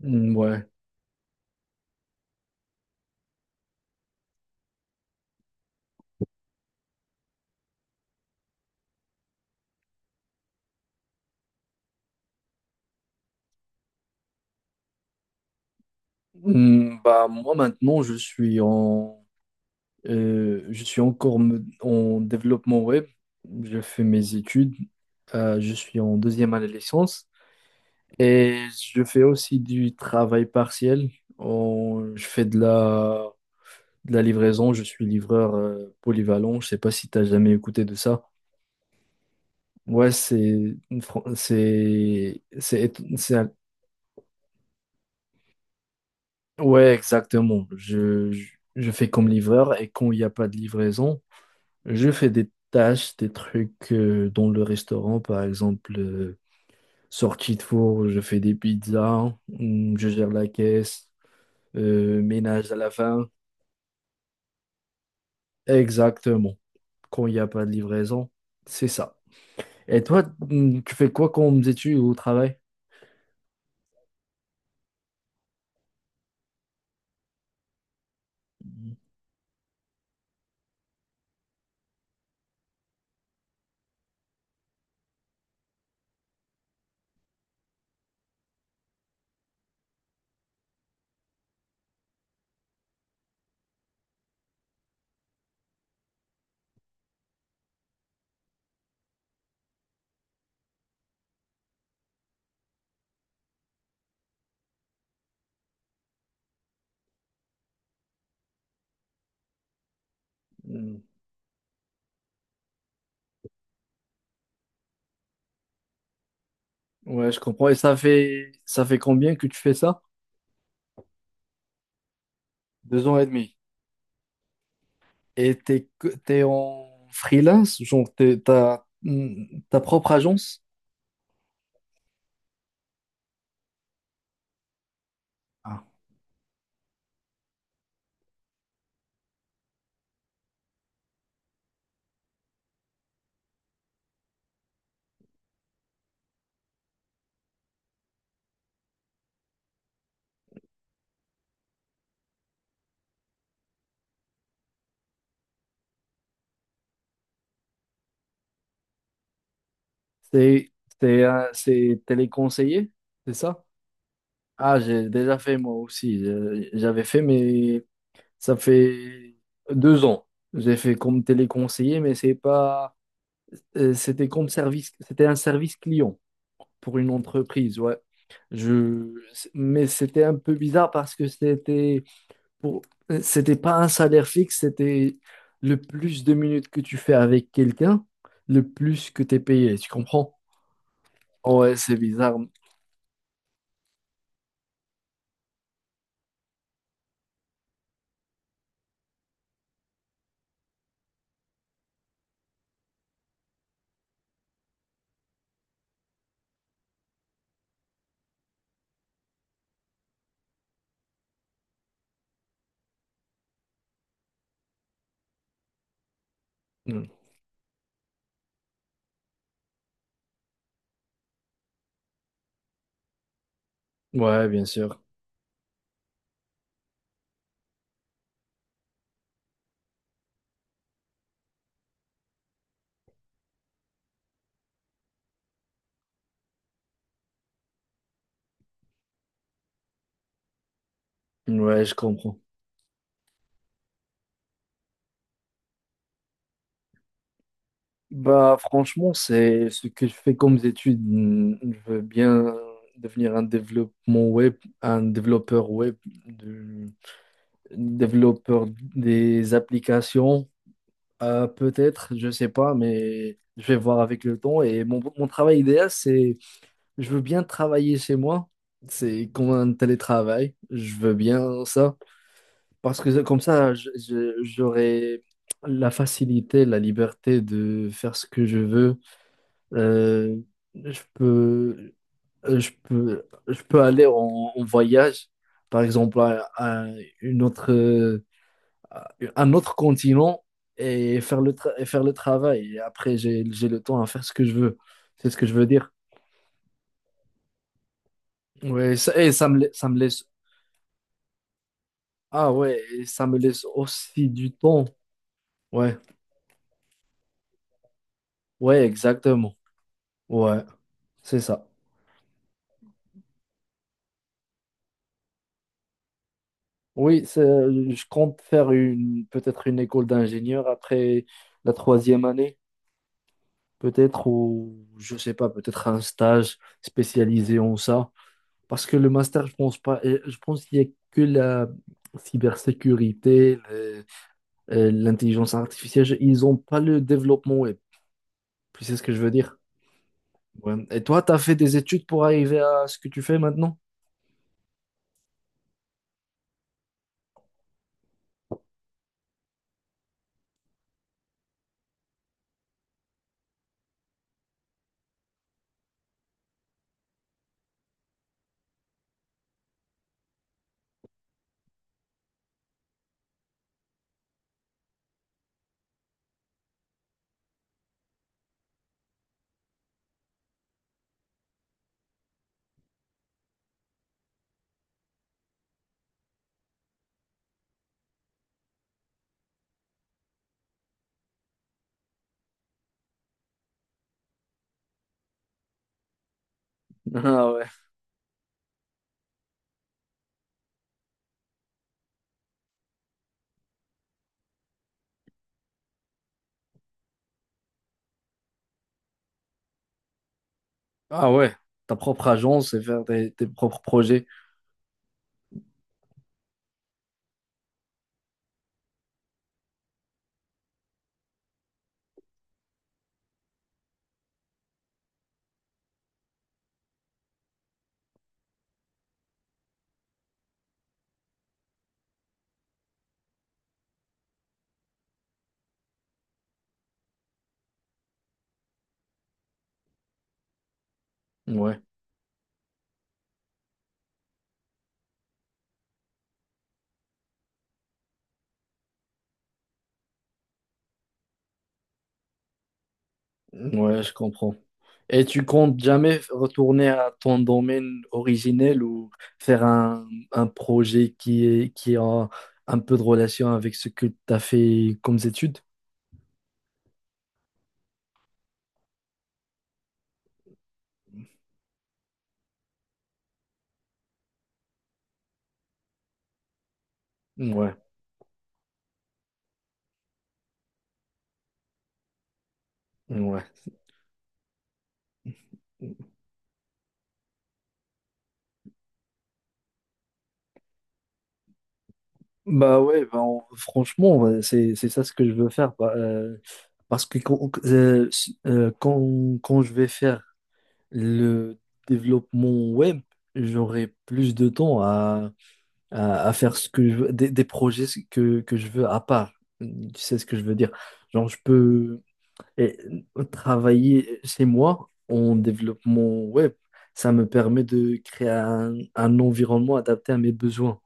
Mm, ouais. Bah, moi maintenant, je suis encore en développement web. Je fais mes études. Je suis en deuxième année de licence et je fais aussi du travail partiel. Je fais de la livraison. Je suis livreur polyvalent. Je sais pas si tu as jamais écouté de ça. Ouais, c'est, une fran- c'est un- ouais, exactement. Je fais comme livreur et quand il n'y a pas de livraison, je fais des tâches, des trucs, dans le restaurant, par exemple, sortie de four, je fais des pizzas, je gère la caisse, ménage à la fin. Exactement. Quand il n'y a pas de livraison, c'est ça. Et toi, tu fais quoi comme études au travail? Hmm. Ouais, je comprends. Et ça fait combien que tu fais ça? 2 ans et demi. Et t'es en freelance, genre t'as ta propre agence? Ah. C'est c'est téléconseiller, c'est ça? Ah, j'ai déjà fait moi aussi. J'avais fait, mais ça fait 2 ans. J'ai fait comme téléconseiller, mais c'est pas. C'était comme service. C'était un service client pour une entreprise, ouais. Je... Mais c'était un peu bizarre parce que pour... c'était pas un salaire fixe, c'était le plus de minutes que tu fais avec quelqu'un, le plus que tu es payé, tu comprends? Ouais, c'est bizarre. Ouais, bien sûr. Ouais, je comprends. Bah, franchement, c'est ce que je fais comme étude. Je veux bien devenir un développement web, un développeur web, de- développeur des applications. Peut-être, je sais pas, mais je vais voir avec le temps. Et mon travail idéal, c'est, je veux bien travailler chez moi. C'est comme un télétravail. Je veux bien ça. Parce que comme ça, j'aurai la facilité, la liberté de faire ce que je veux. Euh, je peux, je peux aller en voyage, par exemple, une autre, euh, à un autre continent et et faire le travail. Et après, j'ai le temps à faire ce que je veux. C'est ce que je veux dire. Ouais, ça, et ça me laisse. Ah ouais, et ça me laisse aussi du temps. Ouais, ouais, exactement. Ouais, c'est ça. Oui, je compte faire une peut-être une école d'ingénieur après la troisième année, peut-être, ou je sais pas, peut-être un stage spécialisé en ça. Parce que le master, je pense pas, et je pense qu'il y a que la cybersécurité, l'intelligence artificielle, ils ont pas le développement web. Tu sais ce que je veux dire? Ouais. Et toi, tu as fait des études pour arriver à ce que tu fais maintenant? Ah ouais. Ah ouais. Ta propre agence et faire tes propres projets. Ouais. Ouais, je comprends. Et tu comptes jamais retourner à ton domaine originel ou faire un projet qui est, qui a un peu de relation avec ce que tu as fait comme études? Ouais, ouais. Bah ouais, franchement, ouais, c'est ça ce que je veux faire. Bah, parce que quand je vais faire le développement web, j'aurai plus de temps à faire ce que je veux, des projets que je veux à part. Tu sais ce que je veux dire. Genre, je peux euh, travailler chez moi en développement web. Ça me permet de créer un environnement adapté à mes besoins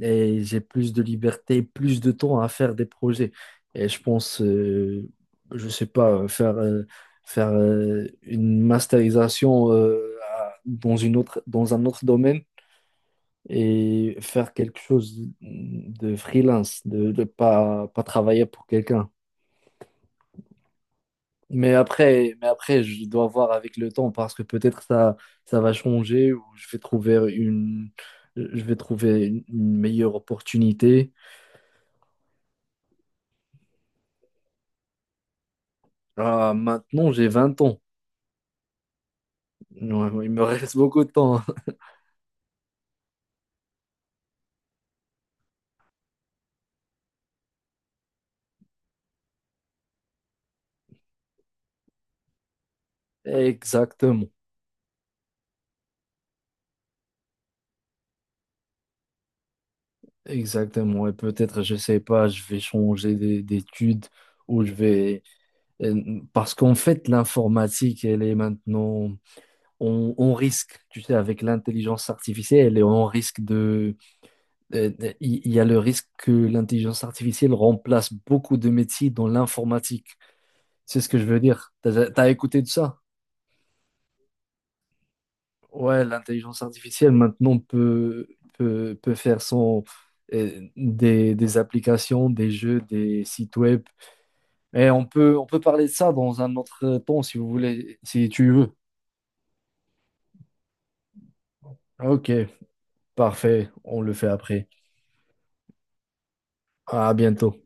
et j'ai plus de liberté, plus de temps à faire des projets. Et je pense, je sais pas, faire une masterisation dans dans un autre domaine et faire quelque chose de freelance, de pas travailler pour quelqu'un. Mais après, je dois voir avec le temps parce que peut-être ça, ça va changer ou je vais trouver une meilleure opportunité. Ah, maintenant, j'ai 20 ans. Ouais, ouais, il me reste beaucoup de temps. Exactement. Exactement. Et peut-être, je sais pas, je vais changer d'études. ou je vais... Parce qu'en fait, l'informatique, elle est maintenant. On risque, tu sais, avec l'intelligence artificielle. Et on risque de- Il y a le risque que l'intelligence artificielle remplace beaucoup de métiers dans l'informatique. C'est ce que je veux dire. T'as, t'as écouté de ça? Ouais, l'intelligence artificielle maintenant peut faire des applications, des jeux, des sites web. Et on peut parler de ça dans un autre temps si vous voulez, si tu veux. Ok, parfait, on le fait après. À bientôt.